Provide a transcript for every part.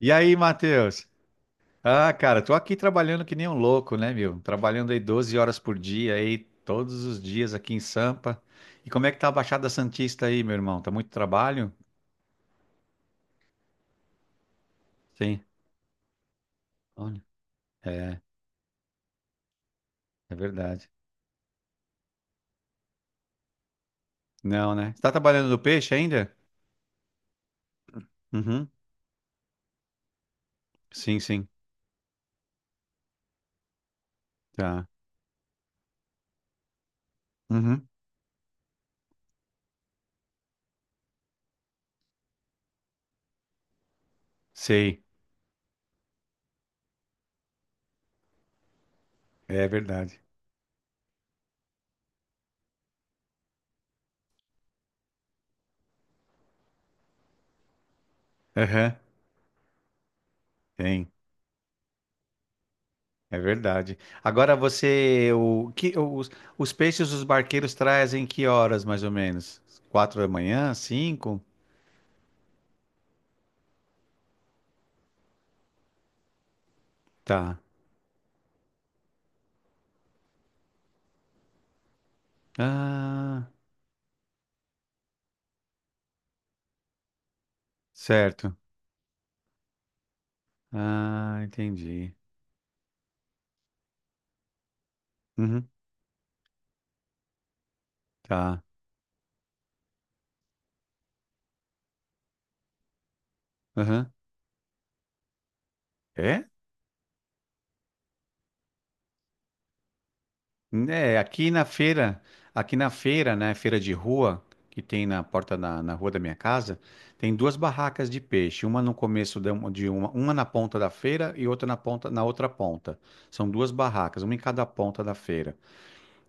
E aí, Matheus? Ah, cara, tô aqui trabalhando que nem um louco, né, meu? Trabalhando aí 12 horas por dia, aí todos os dias aqui em Sampa. E como é que tá a Baixada Santista aí, meu irmão? Tá muito trabalho? Sim. Olha. É, é verdade. Não, né? Você tá trabalhando no peixe ainda? Uhum. Sim, sim. Tá. Uhum. Sei. É verdade. Aham. Tem. É verdade. Agora você, o que os peixes os barqueiros trazem que horas mais ou menos? 4 da manhã, 5? Tá. Ah, certo. Ah, entendi. Uhum, tá. Aham. É? É, aqui na feira, né, feira de rua, que tem na porta na rua da minha casa, tem duas barracas de peixe, uma no começo uma na ponta da feira e outra na outra ponta. São duas barracas, uma em cada ponta da feira.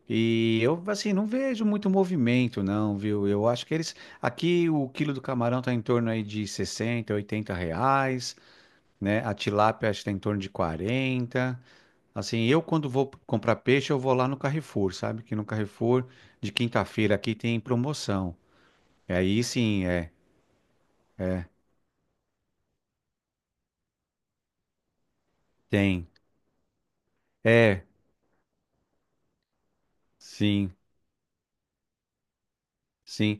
E eu, assim, não vejo muito movimento, não, viu? Eu acho que aqui o quilo do camarão tá em torno aí de 60 a 80 reais, né? A tilápia acho que está em torno de 40. Assim, eu quando vou comprar peixe, eu vou lá no Carrefour, sabe? Que no Carrefour de quinta-feira aqui tem promoção. E aí sim, é, tem. É, sim, sim.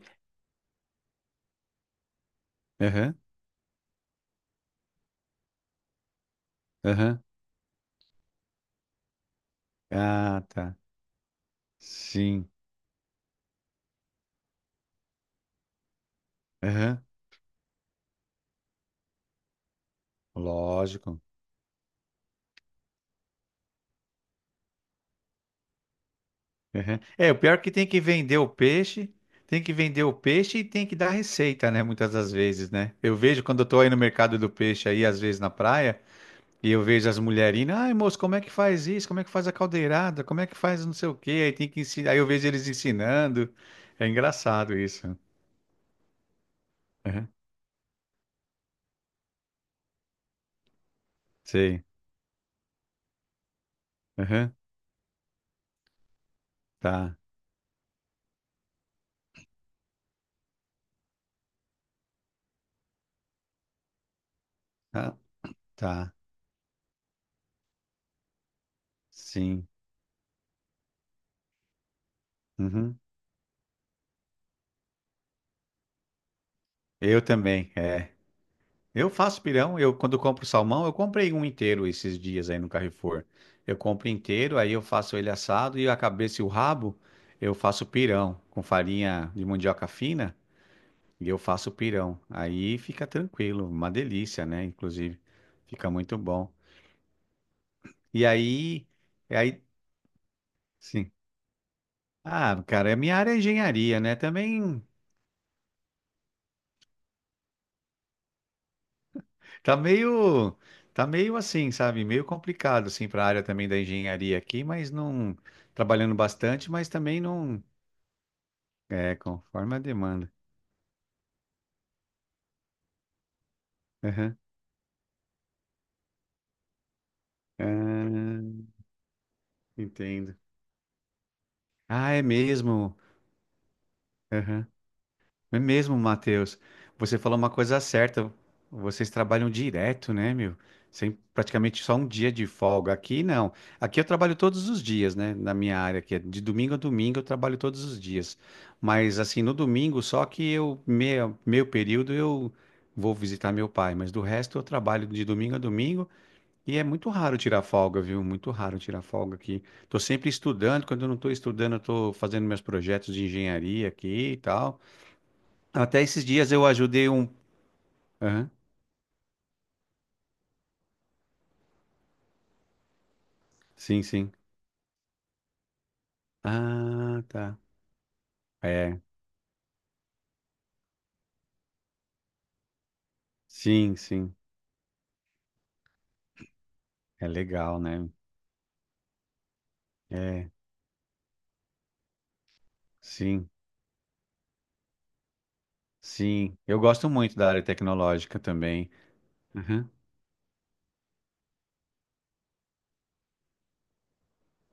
Aham, aham. Ah, tá. Sim. Aham. Lógico. Aham. É, o pior é que tem que vender o peixe, tem que vender o peixe e tem que dar receita, né? Muitas das vezes, né? Eu vejo quando eu tô aí no mercado do peixe aí, às vezes na praia. E eu vejo as mulherinas: ai moço, como é que faz isso? Como é que faz a caldeirada? Como é que faz não sei o quê? Aí tem que ensinar. Aí eu vejo eles ensinando. É engraçado isso. Uhum. Sei. Uhum. Tá. Tá. Tá. Sim. Uhum. Eu também, é. Eu faço pirão, eu quando compro salmão, eu comprei um inteiro esses dias aí no Carrefour. Eu compro inteiro, aí eu faço ele assado e a cabeça e o rabo eu faço pirão com farinha de mandioca fina. E eu faço pirão. Aí fica tranquilo, uma delícia, né? Inclusive, fica muito bom. E aí, e aí, sim. Ah, cara, a minha área é engenharia, né? Também tá meio, tá meio assim, sabe? Meio complicado assim para a área também da engenharia aqui, mas não trabalhando bastante, mas também não é conforme a demanda. Aham. Ah, entendo. Ah, é mesmo. É mesmo, Matheus. Você falou uma coisa certa. Vocês trabalham direto, né, meu? Sem praticamente só um dia de folga. Aqui não. Aqui eu trabalho todos os dias, né? Na minha área, que é de domingo a domingo eu trabalho todos os dias. Mas assim, no domingo, só que eu, meio, meio período, eu vou visitar meu pai. Mas do resto eu trabalho de domingo a domingo e é muito raro tirar folga, viu? Muito raro tirar folga aqui. Tô sempre estudando. Quando eu não tô estudando, eu tô fazendo meus projetos de engenharia aqui e tal. Até esses dias eu ajudei um. Aham. Sim, sim. Ah, tá. É, sim, sim. É legal, né? É, sim, sim. Eu gosto muito da área tecnológica também. Aham.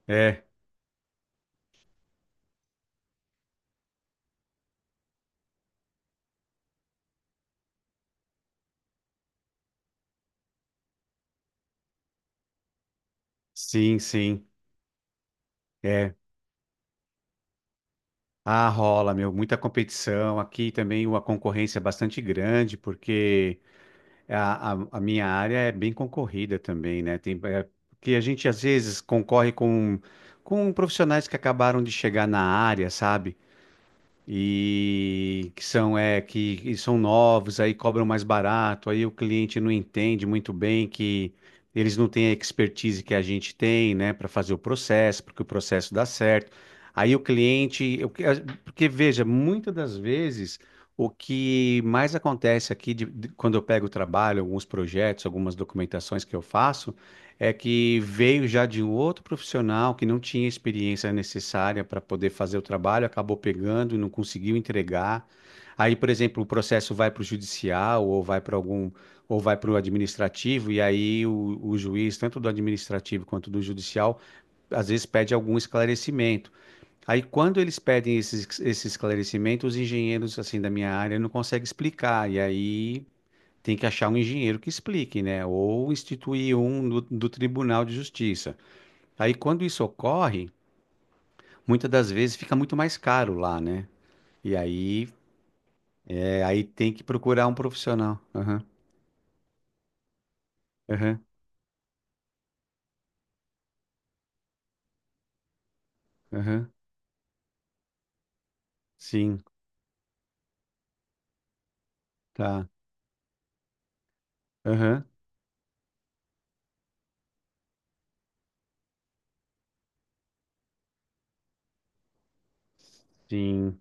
É, sim, sim. É. Ah, rola, meu, muita competição. Aqui também uma concorrência bastante grande, porque a minha área é bem concorrida também, né? Tem, é, porque a gente às vezes concorre com profissionais que acabaram de chegar na área, sabe? E que são é que são novos, aí cobram mais barato, aí o cliente não entende muito bem que eles não têm a expertise que a gente tem, né, para fazer o processo, porque o processo dá certo. Aí o cliente, porque veja, muitas das vezes o que mais acontece aqui quando eu pego o trabalho, alguns projetos, algumas documentações que eu faço é que veio já de um outro profissional que não tinha experiência necessária para poder fazer o trabalho, acabou pegando e não conseguiu entregar. Aí, por exemplo, o processo vai para o judicial ou vai para algum ou vai para o administrativo, e aí o juiz, tanto do administrativo quanto do judicial, às vezes pede algum esclarecimento. Aí, quando eles pedem esse esclarecimento, os engenheiros assim da minha área não conseguem explicar, e aí tem que achar um engenheiro que explique, né? Ou instituir um do Tribunal de Justiça. Aí, quando isso ocorre, muitas das vezes fica muito mais caro lá, né? E aí, é, aí tem que procurar um profissional. Aham, aham, aham. Sim, tá. Aham, sim.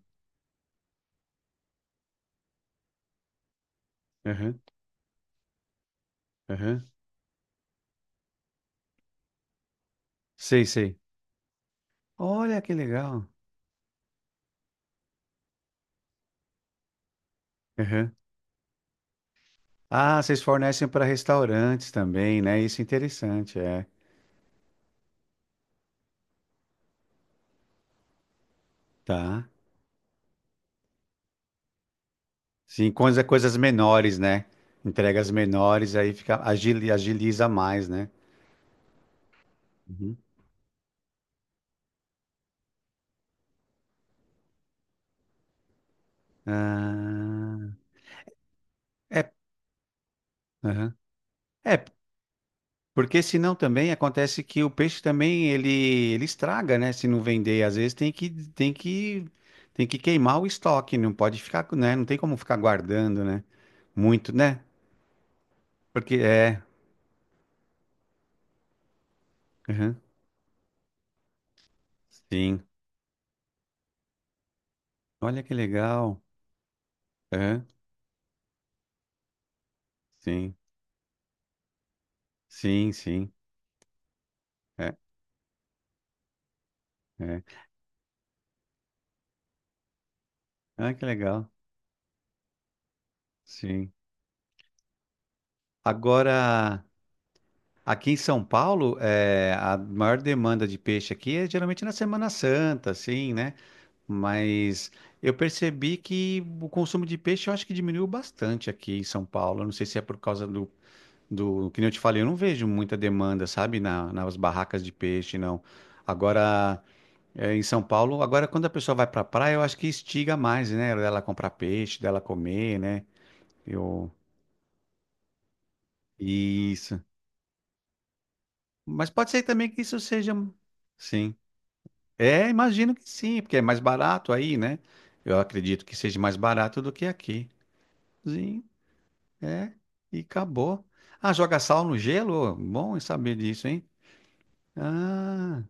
Aham, aham. Sei, sei. Olha que legal. Aham. Ah, vocês fornecem para restaurantes também, né? Isso é interessante, é. Tá. Sim, coisas menores, né? Entregas menores, aí fica, agiliza mais, né? Uhum. Ah, é, aham. É, porque senão também acontece que o peixe também ele estraga, né? Se não vender, às vezes tem que queimar o estoque, não pode ficar, né? Não tem como ficar guardando, né? Muito, né? Porque é, aham, sim. Olha que legal. Aham. Sim, sim, sim. É, é. Ah, que legal. Sim. Agora, aqui em São Paulo, é, a maior demanda de peixe aqui é geralmente na Semana Santa, assim, né? Mas eu percebi que o consumo de peixe eu acho que diminuiu bastante aqui em São Paulo. Eu não sei se é por causa que nem eu te falei, eu não vejo muita demanda, sabe, nas barracas de peixe, não. Agora, é, em São Paulo, agora quando a pessoa vai pra praia, eu acho que estiga mais, né? Dela comprar peixe, dela comer, né? Eu... Isso. Mas pode ser também que isso seja. Sim. É, imagino que sim, porque é mais barato aí, né? Eu acredito que seja mais barato do que aqui. Sim, é. E acabou. Ah, joga sal no gelo? Bom saber disso, hein? Ah,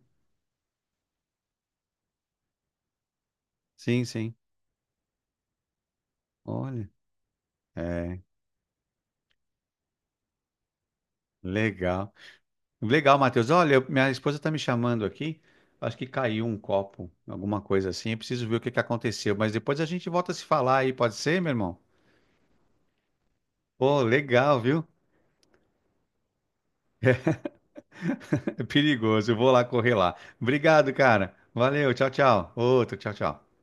sim, sim. Olha. É, legal. Legal, Matheus. Olha, minha esposa está me chamando aqui. Acho que caiu um copo, alguma coisa assim. Eu preciso ver o que que aconteceu. Mas depois a gente volta a se falar aí, pode ser, meu irmão? Pô, legal, viu? É perigoso, eu vou lá correr lá. Obrigado, cara. Valeu, tchau, tchau. Outro, tchau, tchau.